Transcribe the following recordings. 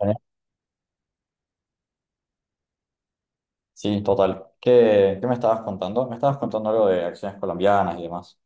Eh, Sí, total. ¿Qué me estabas contando? Me estabas contando algo de acciones colombianas y demás.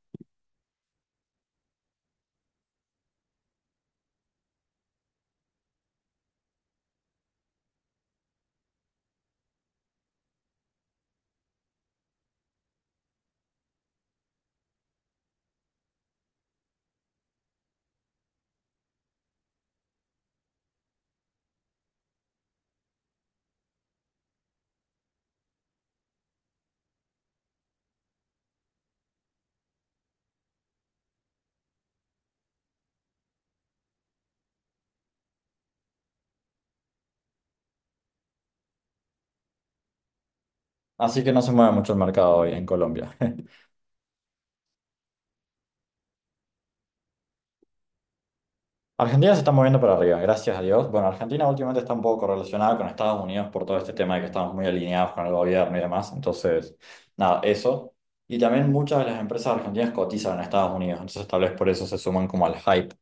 Así que no se mueve mucho el mercado hoy en Colombia. Argentina se está moviendo para arriba, gracias a Dios. Bueno, Argentina últimamente está un poco correlacionada con Estados Unidos por todo este tema de que estamos muy alineados con el gobierno y demás. Entonces, nada, eso. Y también muchas de las empresas argentinas cotizan en Estados Unidos. Entonces, tal vez por eso se suman como al hype.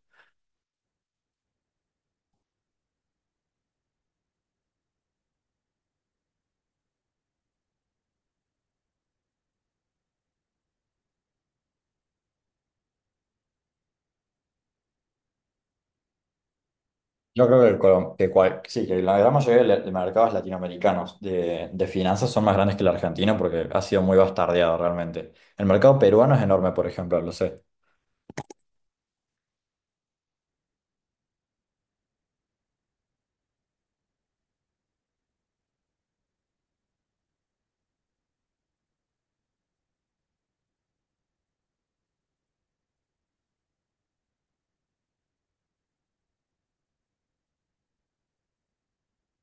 Yo creo que, el Colom- que cual- sí, que la gran mayoría de mercados latinoamericanos de finanzas son más grandes que el argentino porque ha sido muy bastardeado realmente. El mercado peruano es enorme, por ejemplo, lo sé.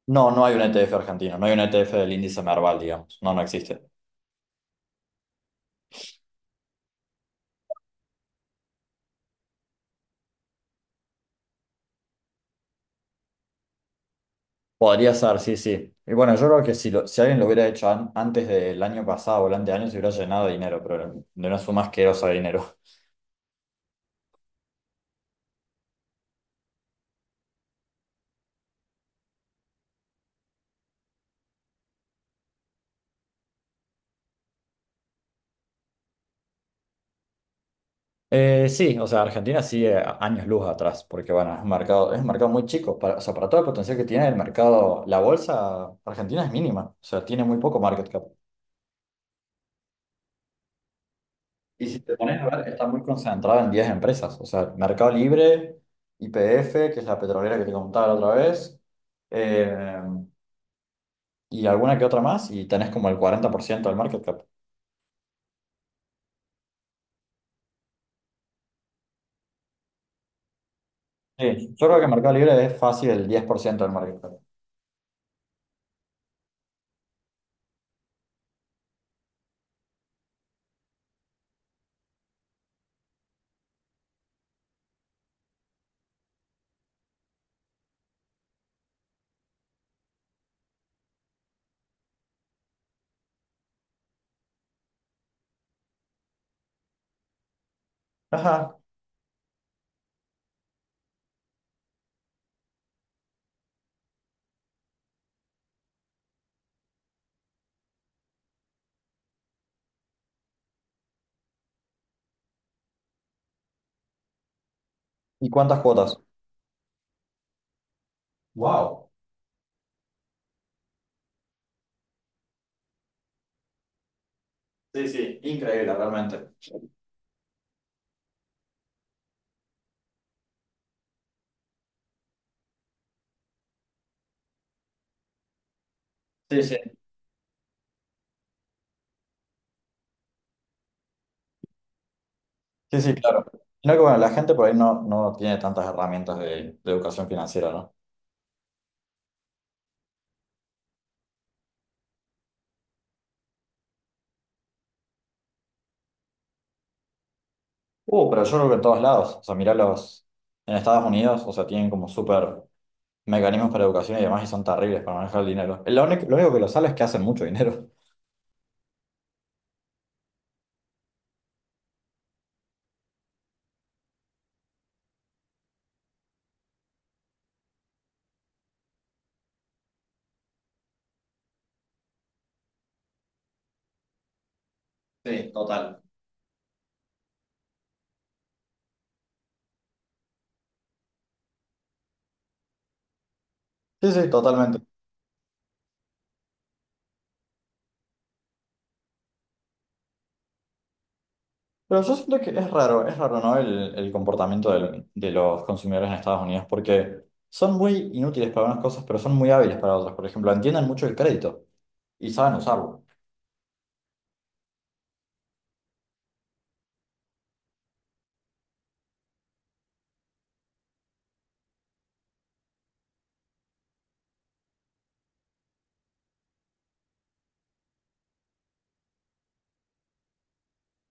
No, no hay un ETF argentino, no hay un ETF del índice Merval, digamos. No, no existe. Podría ser, sí, sí. Y bueno, yo creo que si, si alguien lo hubiera hecho antes del año pasado o el anteaño, se hubiera llenado de dinero, pero de una suma asquerosa de dinero. Sí, o sea, Argentina sigue años luz atrás, porque bueno, es un mercado muy chico, para, o sea, para todo el potencial que tiene el mercado, la bolsa argentina es mínima, o sea, tiene muy poco market cap. Y si te pones a ver, está muy concentrada en 10 empresas, o sea, Mercado Libre, YPF, que es la petrolera que te contaba la otra vez, eh, y alguna que otra más, y tenés como el 40% del market cap. Sí, yo creo que Mercado Libre es fácil el 10% del market cap. Ajá, ¿y cuántas cuotas? Wow. Sí, sí, increíble realmente. Sí, sí, sí, sí, claro. Sino que bueno, la gente por ahí no tiene tantas herramientas de educación financiera, ¿no? Pero yo creo que en todos lados, o sea, mirá los, en Estados Unidos, o sea, tienen como súper mecanismos para educación y demás y son terribles para manejar el dinero. Lo único que lo sale es que hacen mucho dinero. Sí, total. Sí, sí, totalmente. Pero yo siento que es raro, ¿no? El comportamiento de los consumidores en Estados Unidos, porque son muy inútiles para unas cosas, pero son muy hábiles para otras. Por ejemplo, entienden mucho el crédito y saben usarlo.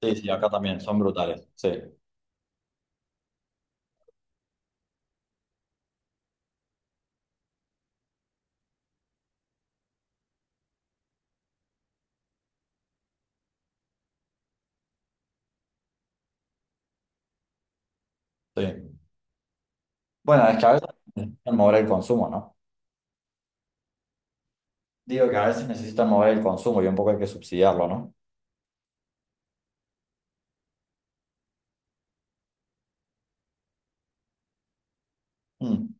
Sí, sí, acá también, son brutales. Sí, sí. Bueno, es que a veces necesitan mover el consumo, ¿no? Digo que a veces necesitan mover el consumo y un poco hay que subsidiarlo, ¿no? Mm.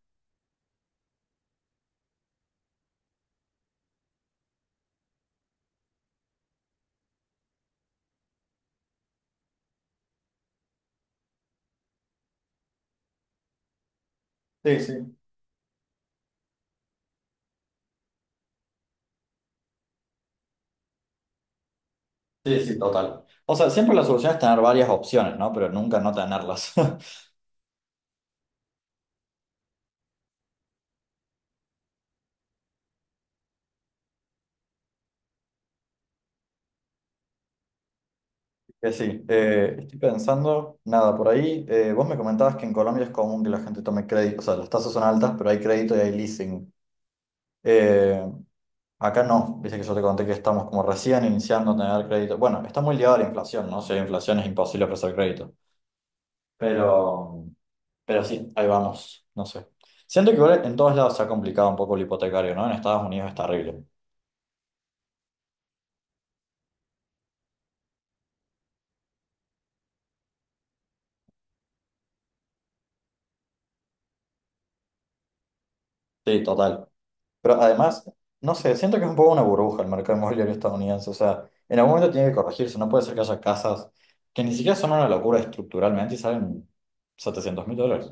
Sí, sí. Sí, sí, total. O sea, siempre la solución es tener varias opciones, ¿no? Pero nunca no tenerlas. Que sí, estoy pensando, nada, por ahí, vos me comentabas que en Colombia es común que la gente tome crédito, o sea, las tasas son altas, pero hay crédito y hay leasing. Eh, Acá no, viste que yo te conté que estamos como recién iniciando a tener crédito. Bueno, está muy ligado a la inflación, ¿no? Si hay inflación es imposible ofrecer crédito. Pero, pero sí, ahí vamos, no sé. Siento que igual en todos lados se ha complicado un poco el hipotecario, ¿no? En Estados Unidos es terrible. Sí, total. Pero además, no sé, siento que es un poco una burbuja el mercado inmobiliario estadounidense. O sea, en algún momento tiene que corregirse. No puede ser que haya casas que ni siquiera son una locura estructuralmente y salen $700.000.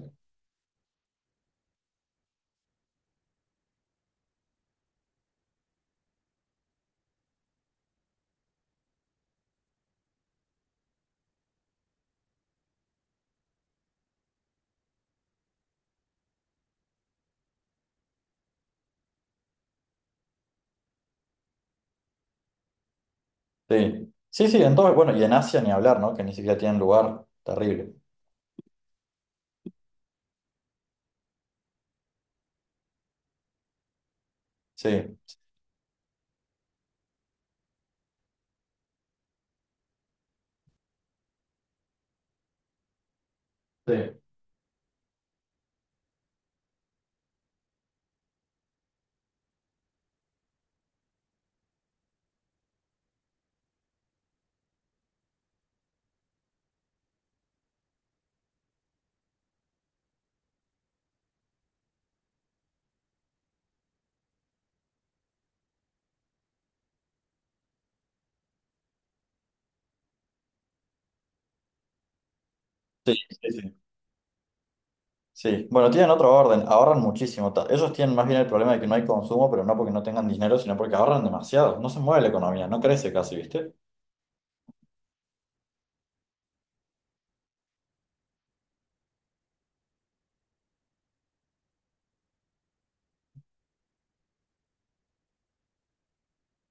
Sí, sí, sí, en todo, bueno, y en Asia ni hablar, ¿no? Que ni siquiera tienen lugar, terrible. Sí, sí. Sí, sí, sí. Sí, bueno, tienen otro orden, ahorran muchísimo. Ellos tienen más bien el problema de que no hay consumo, pero no porque no tengan dinero, sino porque ahorran demasiado. No se mueve la economía, no crece casi, ¿viste?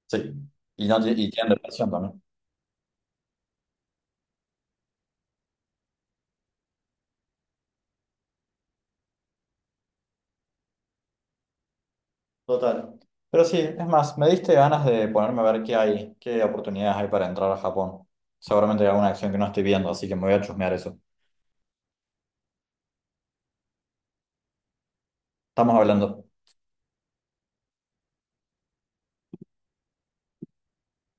Sí, y, no, y tienen depresión también. Total. Pero sí, es más, me diste ganas de ponerme a ver qué hay, qué oportunidades hay para entrar a Japón. Seguramente hay alguna acción que no estoy viendo, así que me voy a chusmear eso. Estamos hablando.